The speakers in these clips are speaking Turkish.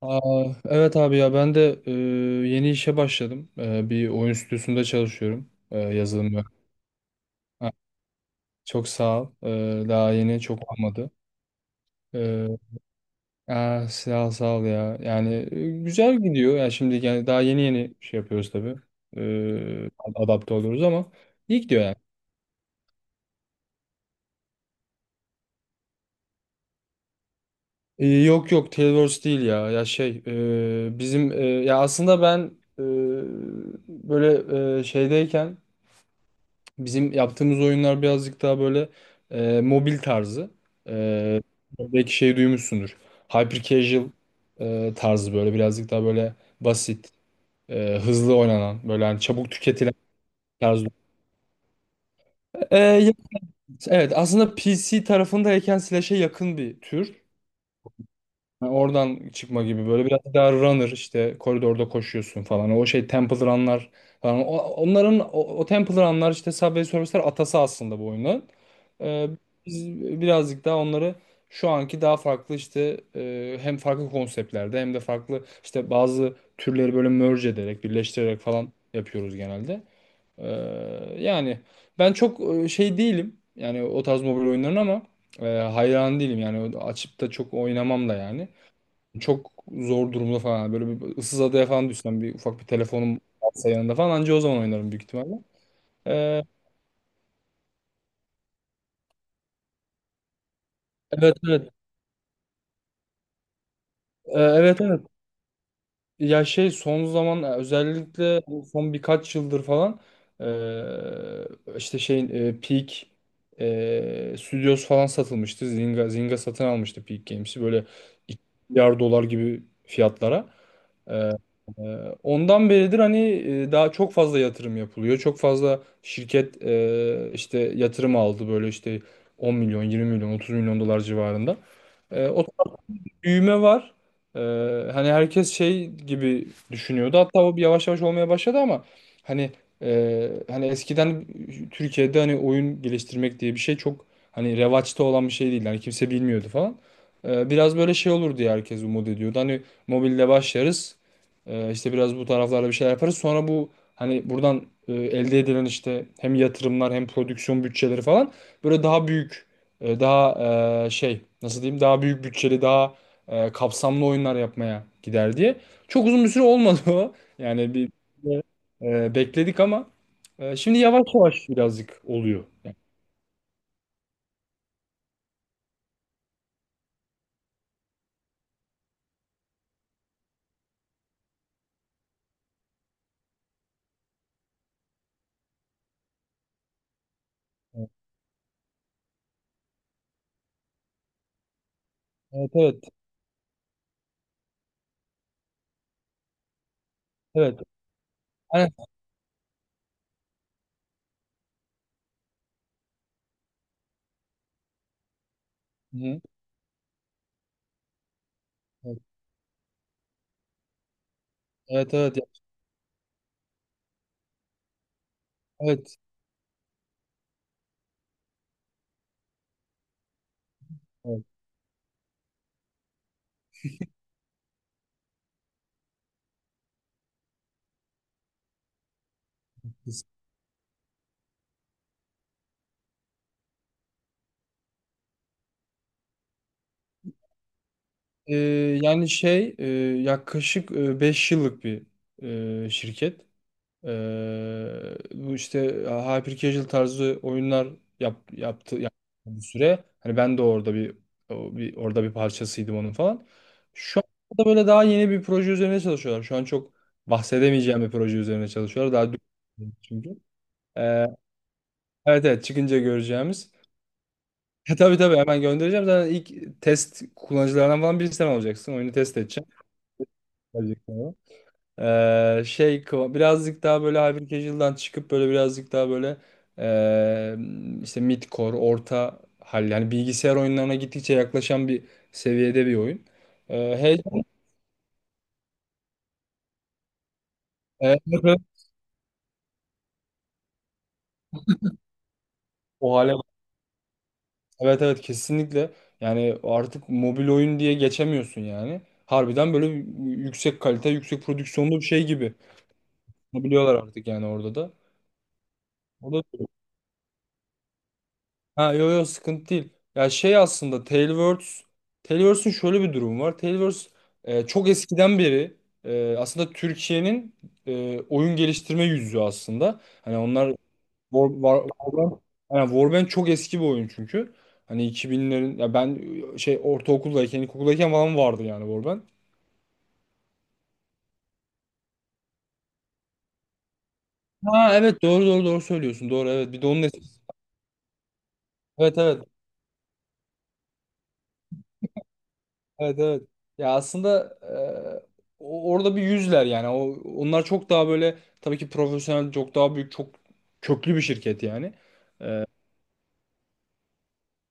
Aa, evet abi ya ben de yeni işe başladım. Bir oyun stüdyosunda çalışıyorum. Yazılım mühendisi. Ha, çok sağ ol. Daha yeni çok olmadı. E, Sağ ol, sağ ol ya. Yani güzel gidiyor. Yani şimdi yani daha yeni yeni şey yapıyoruz tabii. E, Adapte oluyoruz ama iyi gidiyor yani. Yok yok, Tailwords değil ya. Ya şey bizim ya aslında ben e, böyle şeydeyken bizim yaptığımız oyunlar birazcık daha böyle mobil tarzı. E, Belki şey duymuşsundur. Hyper casual tarzı böyle birazcık daha böyle basit, hızlı oynanan, böyle hani çabuk tüketilen tarzı. E, ya- evet, aslında PC tarafındayken Slash'e yakın bir tür. Ha, oradan çıkma gibi böyle biraz daha runner işte koridorda koşuyorsun falan. O şey Temple Run'lar falan. Onların o Temple Run'lar işte Subway Surfers'ler atası aslında bu oyunun. Ee, Biz birazcık daha onları şu anki daha farklı işte hem farklı konseptlerde hem de farklı işte bazı türleri böyle merge ederek birleştirerek falan yapıyoruz genelde. Ee, Yani ben çok şey değilim yani o tarz mobil oyunların ama hayran değilim yani açıp da çok oynamam da yani. Çok zor durumda falan. Böyle bir ıssız adaya falan düşsem bir ufak bir telefonum varsa yanında falan anca o zaman oynarım büyük ihtimalle. Ee, evet, evet. Evet, evet. Ya şey son zaman özellikle son birkaç yıldır falan işte şey Peak Studios falan satılmıştı. Zynga satın almıştı Peak Games'i böyle 2 milyar dolar gibi fiyatlara. Ee, e, Ondan beridir hani daha çok fazla yatırım yapılıyor. Çok fazla şirket işte yatırım aldı böyle işte 10 milyon, 20 milyon, 30 milyon dolar civarında. O büyüme var. Ee, Hani herkes şey gibi düşünüyordu. Hatta o bir yavaş yavaş olmaya başladı ama hani hani eskiden Türkiye'de hani oyun geliştirmek diye bir şey çok hani revaçta olan bir şey değil. Hani kimse bilmiyordu falan. Biraz böyle şey olur diye herkes umut ediyordu. Hani mobilde başlarız. İşte biraz bu taraflarda bir şeyler yaparız. Sonra bu hani buradan elde edilen işte hem yatırımlar hem prodüksiyon bütçeleri falan böyle daha büyük daha şey nasıl diyeyim daha büyük bütçeli daha kapsamlı oyunlar yapmaya gider diye. Çok uzun bir süre olmadı o. Yani bir bekledik ama şimdi yavaş yavaş birazcık oluyor. Yani, evet, evet. Evet. Aynen. Hı. Evet, evet. Evet. Evet. E, Yani şey yaklaşık 5 yıllık bir şirket. Bu işte hyper casual tarzı oyunlar yaptı bir süre. Hani ben de orada bir parçasıydım onun falan. Şu anda böyle daha yeni bir proje üzerine çalışıyorlar. Şu an çok bahsedemeyeceğim bir proje üzerine çalışıyorlar. Daha çünkü. Ee, evet, evet, çıkınca göreceğimiz. Tabii tabii, hemen göndereceğim. Zaten ilk test kullanıcılarından falan birisi sen olacaksın. Oyunu test edeceğim. Şey birazcık daha böyle Hyper Casual'dan çıkıp böyle birazcık daha böyle ee, işte mid orta hal yani bilgisayar oyunlarına gittikçe yaklaşan bir seviyede bir oyun. Ee, heyecan, evet, evet, evet. o hale Evet, evet, kesinlikle, yani artık mobil oyun diye geçemiyorsun yani. Harbiden böyle yüksek kalite, yüksek prodüksiyonlu bir şey gibi biliyorlar artık yani orada da. O da Ha, yo yo, sıkıntı değil. Ya şey aslında Tailwords'un şöyle bir durumu var. Tailwords çok eskiden beri aslında Türkiye'nin oyun geliştirme yüzü aslında. Hani onlar Warband, yani Warband çok eski bir oyun çünkü. Hani 2000'lerin, ya ben şey ortaokuldayken, ilkokuldayken falan vardı yani Warband. Ha, evet, doğru doğru doğru söylüyorsun. Doğru, evet. Bir de onun etkisi. Evet, evet. Evet, evet. Ya aslında orada bir yüzler yani. Onlar çok daha böyle tabii ki profesyonel, çok daha büyük, çok köklü bir şirket yani.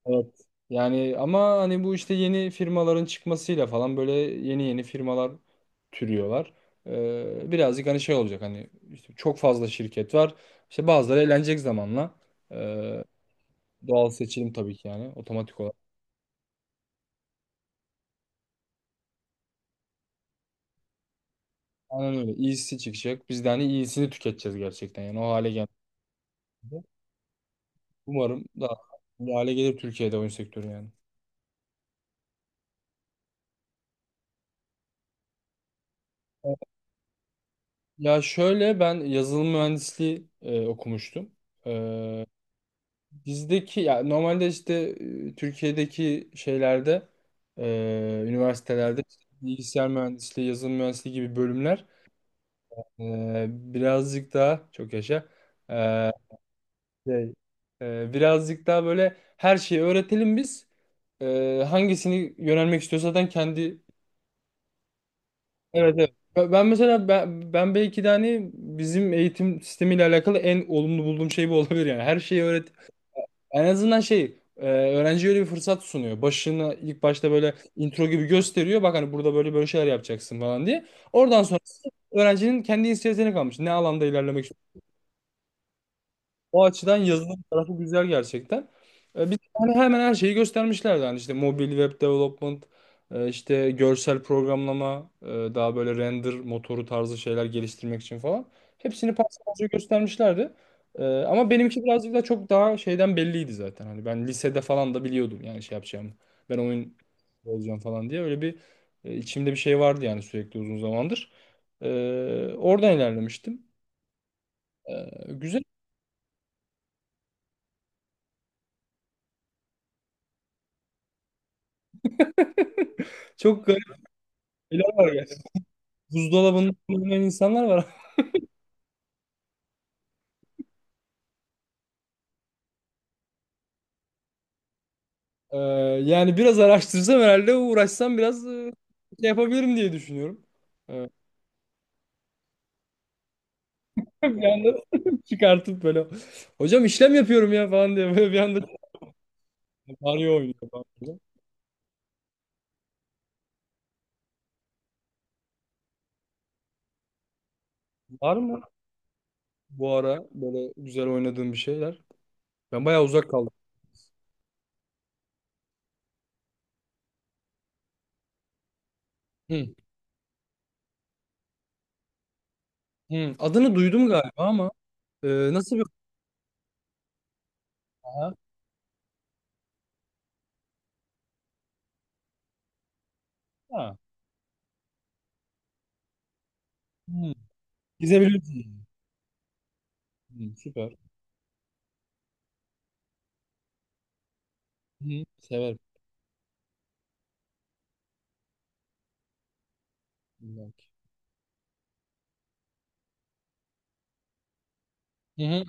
Evet. Yani ama hani bu işte yeni firmaların çıkmasıyla falan böyle yeni yeni firmalar türüyorlar. Birazcık hani şey olacak hani işte çok fazla şirket var. İşte bazıları eğlenecek zamanla. E, Doğal seçilim tabii ki yani otomatik olarak. Aynen öyle. İyisi çıkacak. Biz de hani iyisini tüketeceğiz gerçekten yani o hale geldi. Umarım daha iyi hale gelir Türkiye'de oyun sektörü yani. Ee, Ya şöyle, ben yazılım mühendisliği okumuştum. E, Bizdeki ya normalde işte Türkiye'deki şeylerde üniversitelerde işte bilgisayar mühendisliği, yazılım mühendisliği gibi bölümler birazcık daha çok yaşa e, şey, e, birazcık daha böyle her şeyi öğretelim biz. Hangisini yönelmek istiyorsa zaten kendi. Evet, evet. Ben mesela ben belki de hani bizim eğitim sistemiyle alakalı en olumlu bulduğum şey bu olabilir yani. Her şeyi öğret. En azından şey öğrenciye öyle bir fırsat sunuyor. Başını ilk başta böyle intro gibi gösteriyor. Bak, hani burada böyle böyle şeyler yapacaksın falan diye. Oradan sonra öğrencinin kendi inisiyatifine kalmış. Ne alanda ilerlemek, o açıdan yazılım tarafı güzel gerçekten. Biz hani hemen her şeyi göstermişlerdi. Hani işte mobil web development, işte görsel programlama, daha böyle render motoru tarzı şeyler geliştirmek için falan. Hepsini parça parça göstermişlerdi. Ama benimki birazcık da çok daha şeyden belliydi zaten. Hani ben lisede falan da biliyordum yani şey yapacağımı. Ben oyun olacağım falan diye öyle bir içimde bir şey vardı yani sürekli uzun zamandır. Oradan ilerlemiştim. Güzel. Çok Şeyler var yani. Buzdolabında kullanmayan insanlar var. Ee, Yani biraz araştırsam herhalde uğraşsam biraz şey yapabilirim diye düşünüyorum. Ee, bir anda çıkartıp böyle, hocam işlem yapıyorum ya falan diye, böyle bir anda Mario oynuyor falan, böyle. Var mı bu ara böyle güzel oynadığım bir şeyler? Ben bayağı uzak kaldım. Hı, hı. Adını duydum galiba ama e, nasıl bir. Ha, ha. Hı. Gizebilirsin. Hı, süper. Hı, severim. Belki. Hı hı.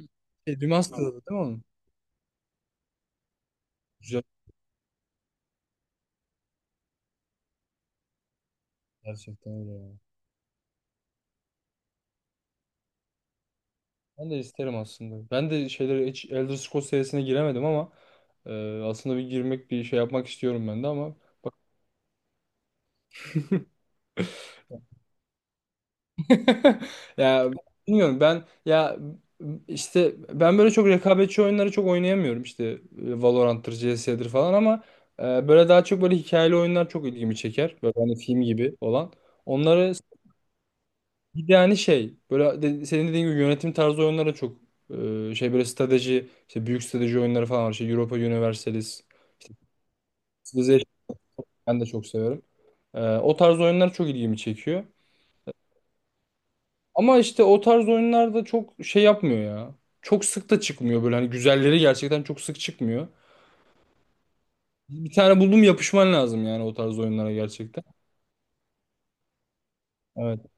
Şey, Remastered'ı değil mi onun? Gerçekten öyle ya. Ben de isterim aslında. Ben de şeyleri hiç Elder Scrolls serisine giremedim ama aslında bir girmek bir şey yapmak istiyorum ben de ama bak. Ya, bilmiyorum ben ya, işte ben böyle çok rekabetçi oyunları çok oynayamıyorum işte Valorant'tır, CS'dir falan ama böyle daha çok böyle hikayeli oyunlar çok ilgimi çeker. Böyle hani film gibi olan. Onları Bir de hani şey böyle senin dediğin gibi yönetim tarzı oyunlara çok şey böyle strateji işte büyük strateji oyunları falan var. İşte Europa Universalis işte Civilization, ben de çok severim. O tarz oyunlar çok ilgimi çekiyor. Ama işte o tarz oyunlar da çok şey yapmıyor ya. Çok sık da çıkmıyor böyle, hani güzelleri gerçekten çok sık çıkmıyor. Bir tane buldum, yapışman lazım yani o tarz oyunlara gerçekten. Evet.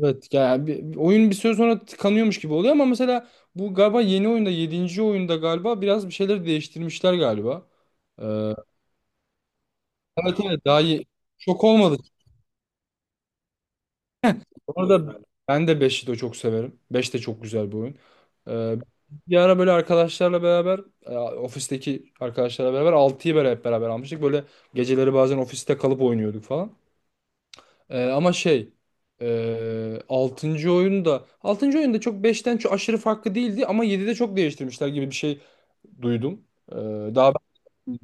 Evet yani, oyun bir süre sonra tıkanıyormuş gibi oluyor ama mesela bu galiba yeni oyunda, yedinci oyunda galiba biraz bir şeyler değiştirmişler galiba. Ee, evet, evet, daha iyi. Çok olmadı. Orada Ben de 5'i de çok severim. 5 de çok güzel bir oyun. Ee, Bir ara böyle arkadaşlarla beraber ofisteki arkadaşlarla beraber altıyı beraber, hep beraber almıştık. Böyle geceleri bazen ofiste kalıp oynuyorduk falan. Ama şey 6. oyunda çok beşten çok aşırı farklı değildi ama 7'de çok değiştirmişler gibi bir şey duydum. Ee, daha ben-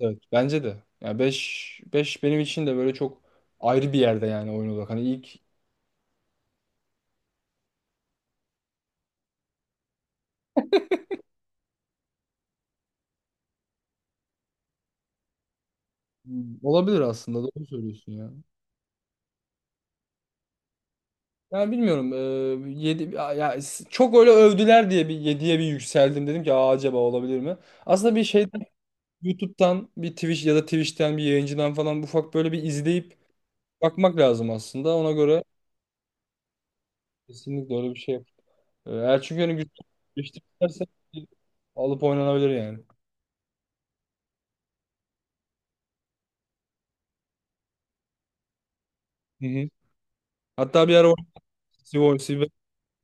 evet, bence de. Yani 5 5 benim için de böyle çok ayrı bir yerde yani oyun olarak. Hani ilk Olabilir aslında, doğru söylüyorsun ya. Yani bilmiyorum 7 çok öyle övdüler diye bir yediye bir yükseldim, dedim ki Aa, acaba olabilir mi? Aslında bir şeyden YouTube'dan bir Twitch ya da Twitch'ten bir yayıncıdan falan ufak böyle bir izleyip bakmak lazım aslında. Ona göre kesinlikle öyle bir şey yap. Eğer çünkü hani güçlü geliştirirsen alıp oynanabilir yani. Hı hı. Hatta bir ara oynayalım. Sivo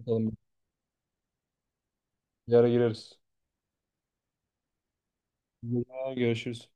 atalım. Bir ara gireriz. Hı. Görüşürüz.